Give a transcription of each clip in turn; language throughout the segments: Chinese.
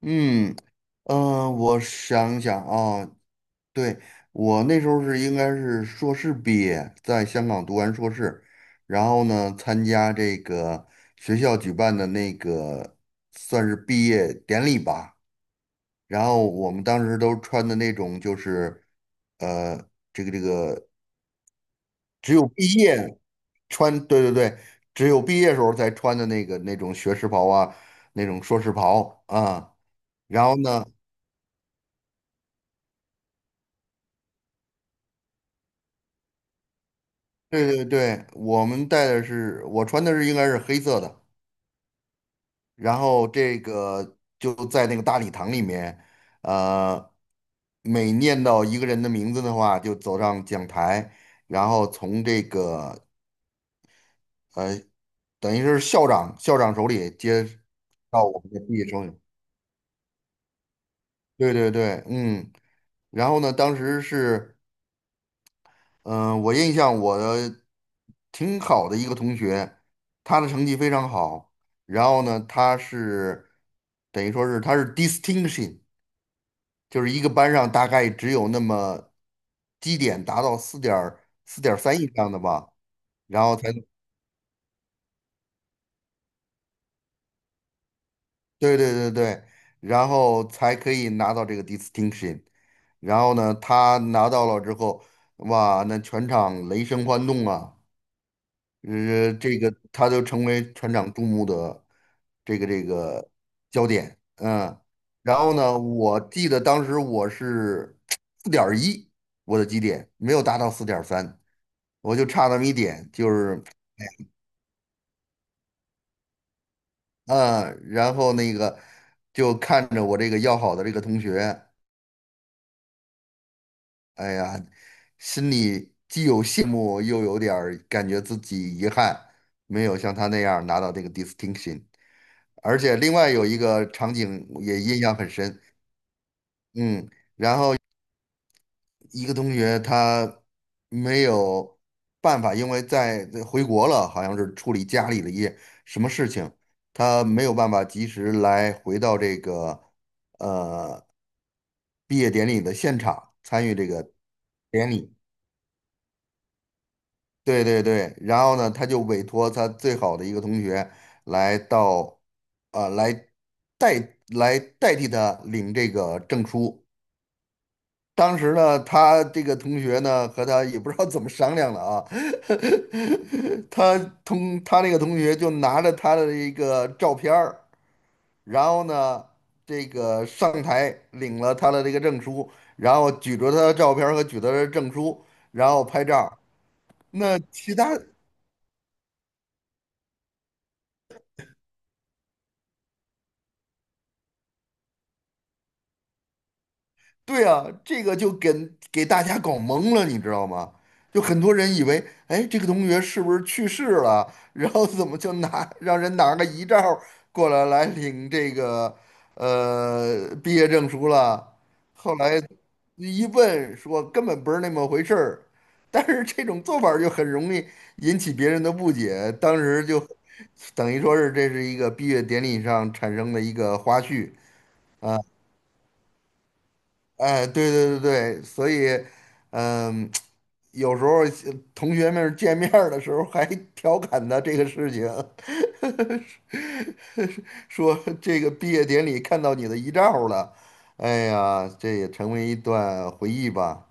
嗯。我想想啊，对，我那时候应该是硕士毕业，在香港读完硕士。然后呢，参加这个学校举办的那个算是毕业典礼吧。然后我们当时都穿的那种就是呃，这个只有毕业穿，对对对，只有毕业时候才穿的那种学士袍啊，那种硕士袍啊。然后呢？对对对，我穿的应该是黑色的。然后这个就在那个大礼堂里面，呃，每念到一个人的名字的话，就走上讲台，然后从这个呃，等于是校长手里接到我们的毕业手里，对对对。嗯，然后呢，当时是。嗯，我印象我的挺好的一个同学，他的成绩非常好。然后呢，等于说是他是 distinction,就是一个班上大概只有那么基点达到四点三以上的吧，然后才对对对对，然后才可以拿到这个 distinction。然后呢，他拿到了之后，哇，那全场雷声欢动啊！这个他就成为船长注目的这个焦点。嗯，然后呢，我记得当时我是4.1，我的基点没有达到四点三，我就差那么一点，就是。嗯，然后那个就看着我这个要好的这个同学，哎呀，心里既有羡慕，又有点儿感觉自己遗憾，没有像他那样拿到这个 distinction。而且另外有一个场景也印象很深。嗯，一个同学他没有办法，因为在回国了，好像是处理家里的一些什么事情，他没有办法及时来回到这个呃毕业典礼的现场参与这个典礼。对对对，然后呢，他就委托他最好的一个同学来到，呃，来来代替他领这个证书。当时呢，他这个同学呢和他也不知道怎么商量了啊，他同他那个同学就拿着他的一个照片儿，然后呢，这个上台领了他的这个证书，然后举着他的照片儿和举着他的证书，然后拍照儿，那其他对啊，这个就给大家搞懵了，你知道吗？就很多人以为，哎，这个同学是不是去世了？然后怎么就让人拿个遗照过来领这个毕业证书了？后来一问说根本不是那么回事儿，但是这种做法儿就很容易引起别人的不解，当时就等于说是这是一个毕业典礼上产生的一个花絮。哎，对对对对，所以。嗯，有时候同学们见面儿的时候还调侃他这个事情。说这个毕业典礼看到你的遗照了，哎呀，这也成为一段回忆吧。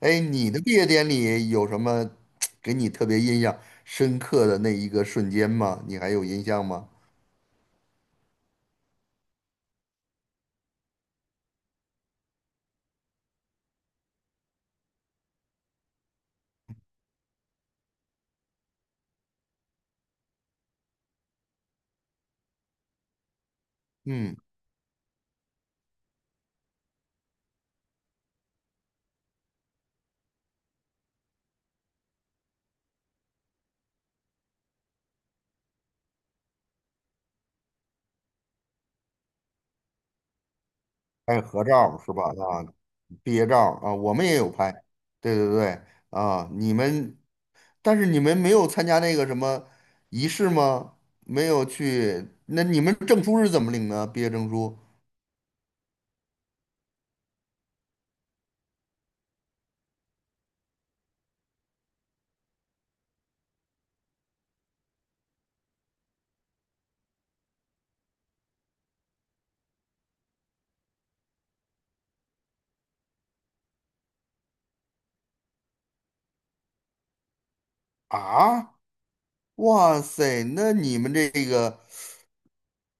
哎，你的毕业典礼有什么 给你特别印象深刻的那一个瞬间吗？你还有印象吗？嗯，还有合照是吧？啊，毕业照儿啊，我们也有拍，对对对。啊，但是你们没有参加那个什么仪式吗？没有去，那你们证书是怎么领的？毕业证书啊？哇塞，那你们这个，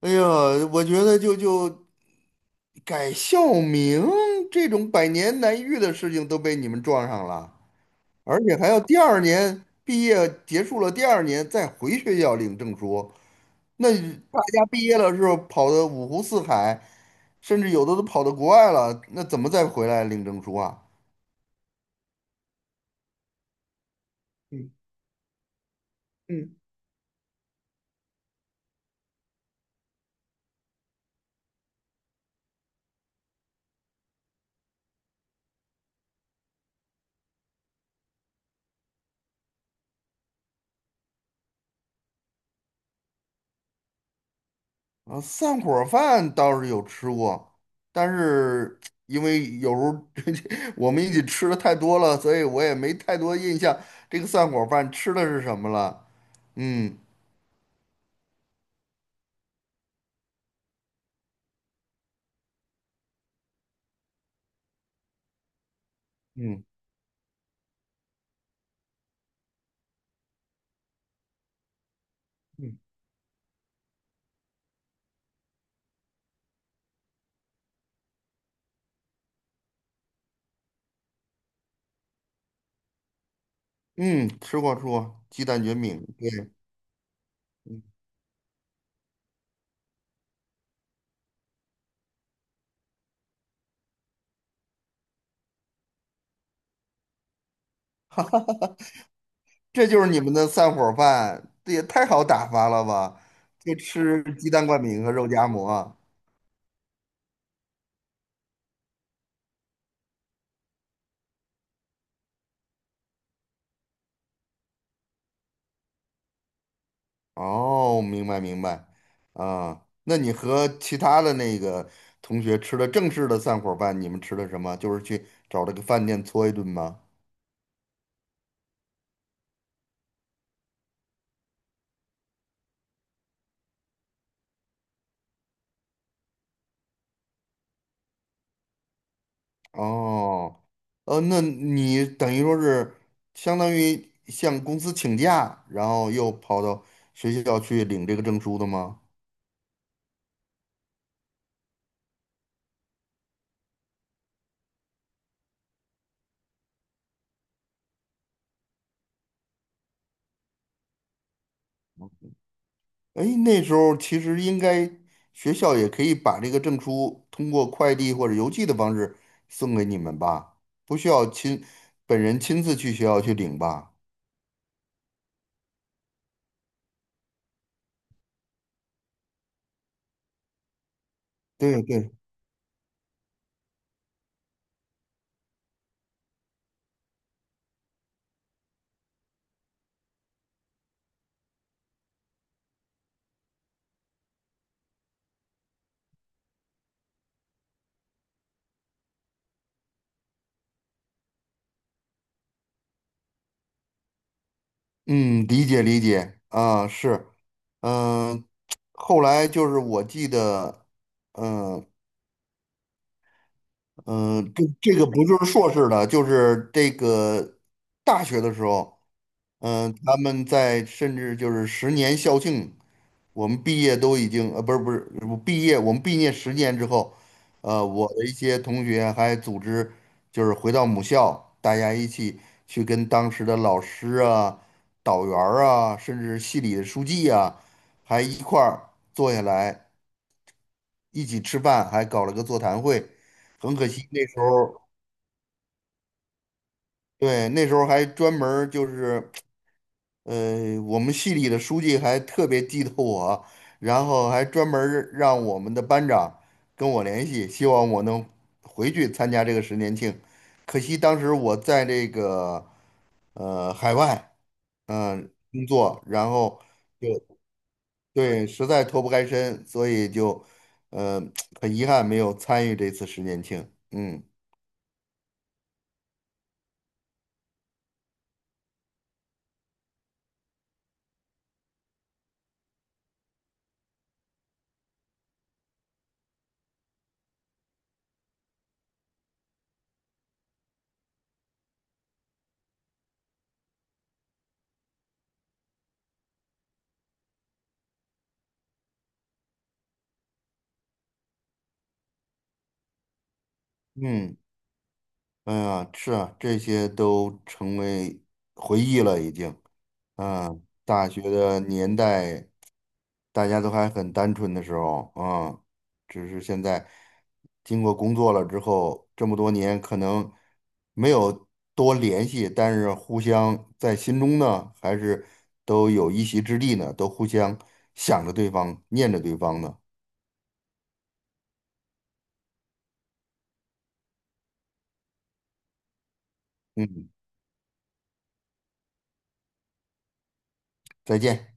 哎呀，我觉得就改校名这种百年难遇的事情都被你们撞上了，而且还要第二年毕业结束了，第二年再回学校领证书。那大家毕业了之后跑的五湖四海，甚至有的都跑到国外了，那怎么再回来领证书啊？嗯嗯啊，散伙儿饭倒是有吃过，但是因为有时候 我们一起吃的太多了，所以我也没太多印象这个散伙儿饭吃的是什么了。嗯嗯嗯，嗯，吃过吃过鸡蛋卷饼，对。嗯，这就是你们的散伙饭，这也太好打发了吧？就吃鸡蛋灌饼和肉夹馍。哦，明白明白。啊，那你和其他的那个同学吃的正式的散伙饭，你们吃的什么？就是去找了个饭店搓一顿吗？哦，那你等于说是相当于向公司请假，然后又跑到学校去领这个证书的吗？哎，那时候其实应该学校也可以把这个证书通过快递或者邮寄的方式送给你们吧，不需要本人亲自去学校去领吧。对对，嗯，理解理解啊，是。嗯、后来就是我记得。嗯、嗯、这个不就是硕士的，就是这个大学的时候。嗯，他们在甚至就是十年校庆，我们毕业都已经不是不是，我们毕业十年之后。我的一些同学还组织就是回到母校，大家一起去跟当时的老师啊、导员儿啊，甚至系里的书记啊，还一块儿坐下来一起吃饭，还搞了个座谈会。很可惜那时候，对，那时候还专门儿就是。我们系里的书记还特别记得我，然后还专门儿让我们的班长跟我联系，希望我能回去参加这个十年庆。可惜当时我在这个海外工作，然后就，对，实在脱不开身，所以就呃很遗憾没有参与这次十年庆。嗯嗯。哎呀，是啊，这些都成为回忆了，已经。嗯，大学的年代，大家都还很单纯的时候，只是现在经过工作了之后，这么多年可能没有多联系，但是互相在心中呢，还是都有一席之地呢，都互相想着对方，念着对方呢。嗯，再见。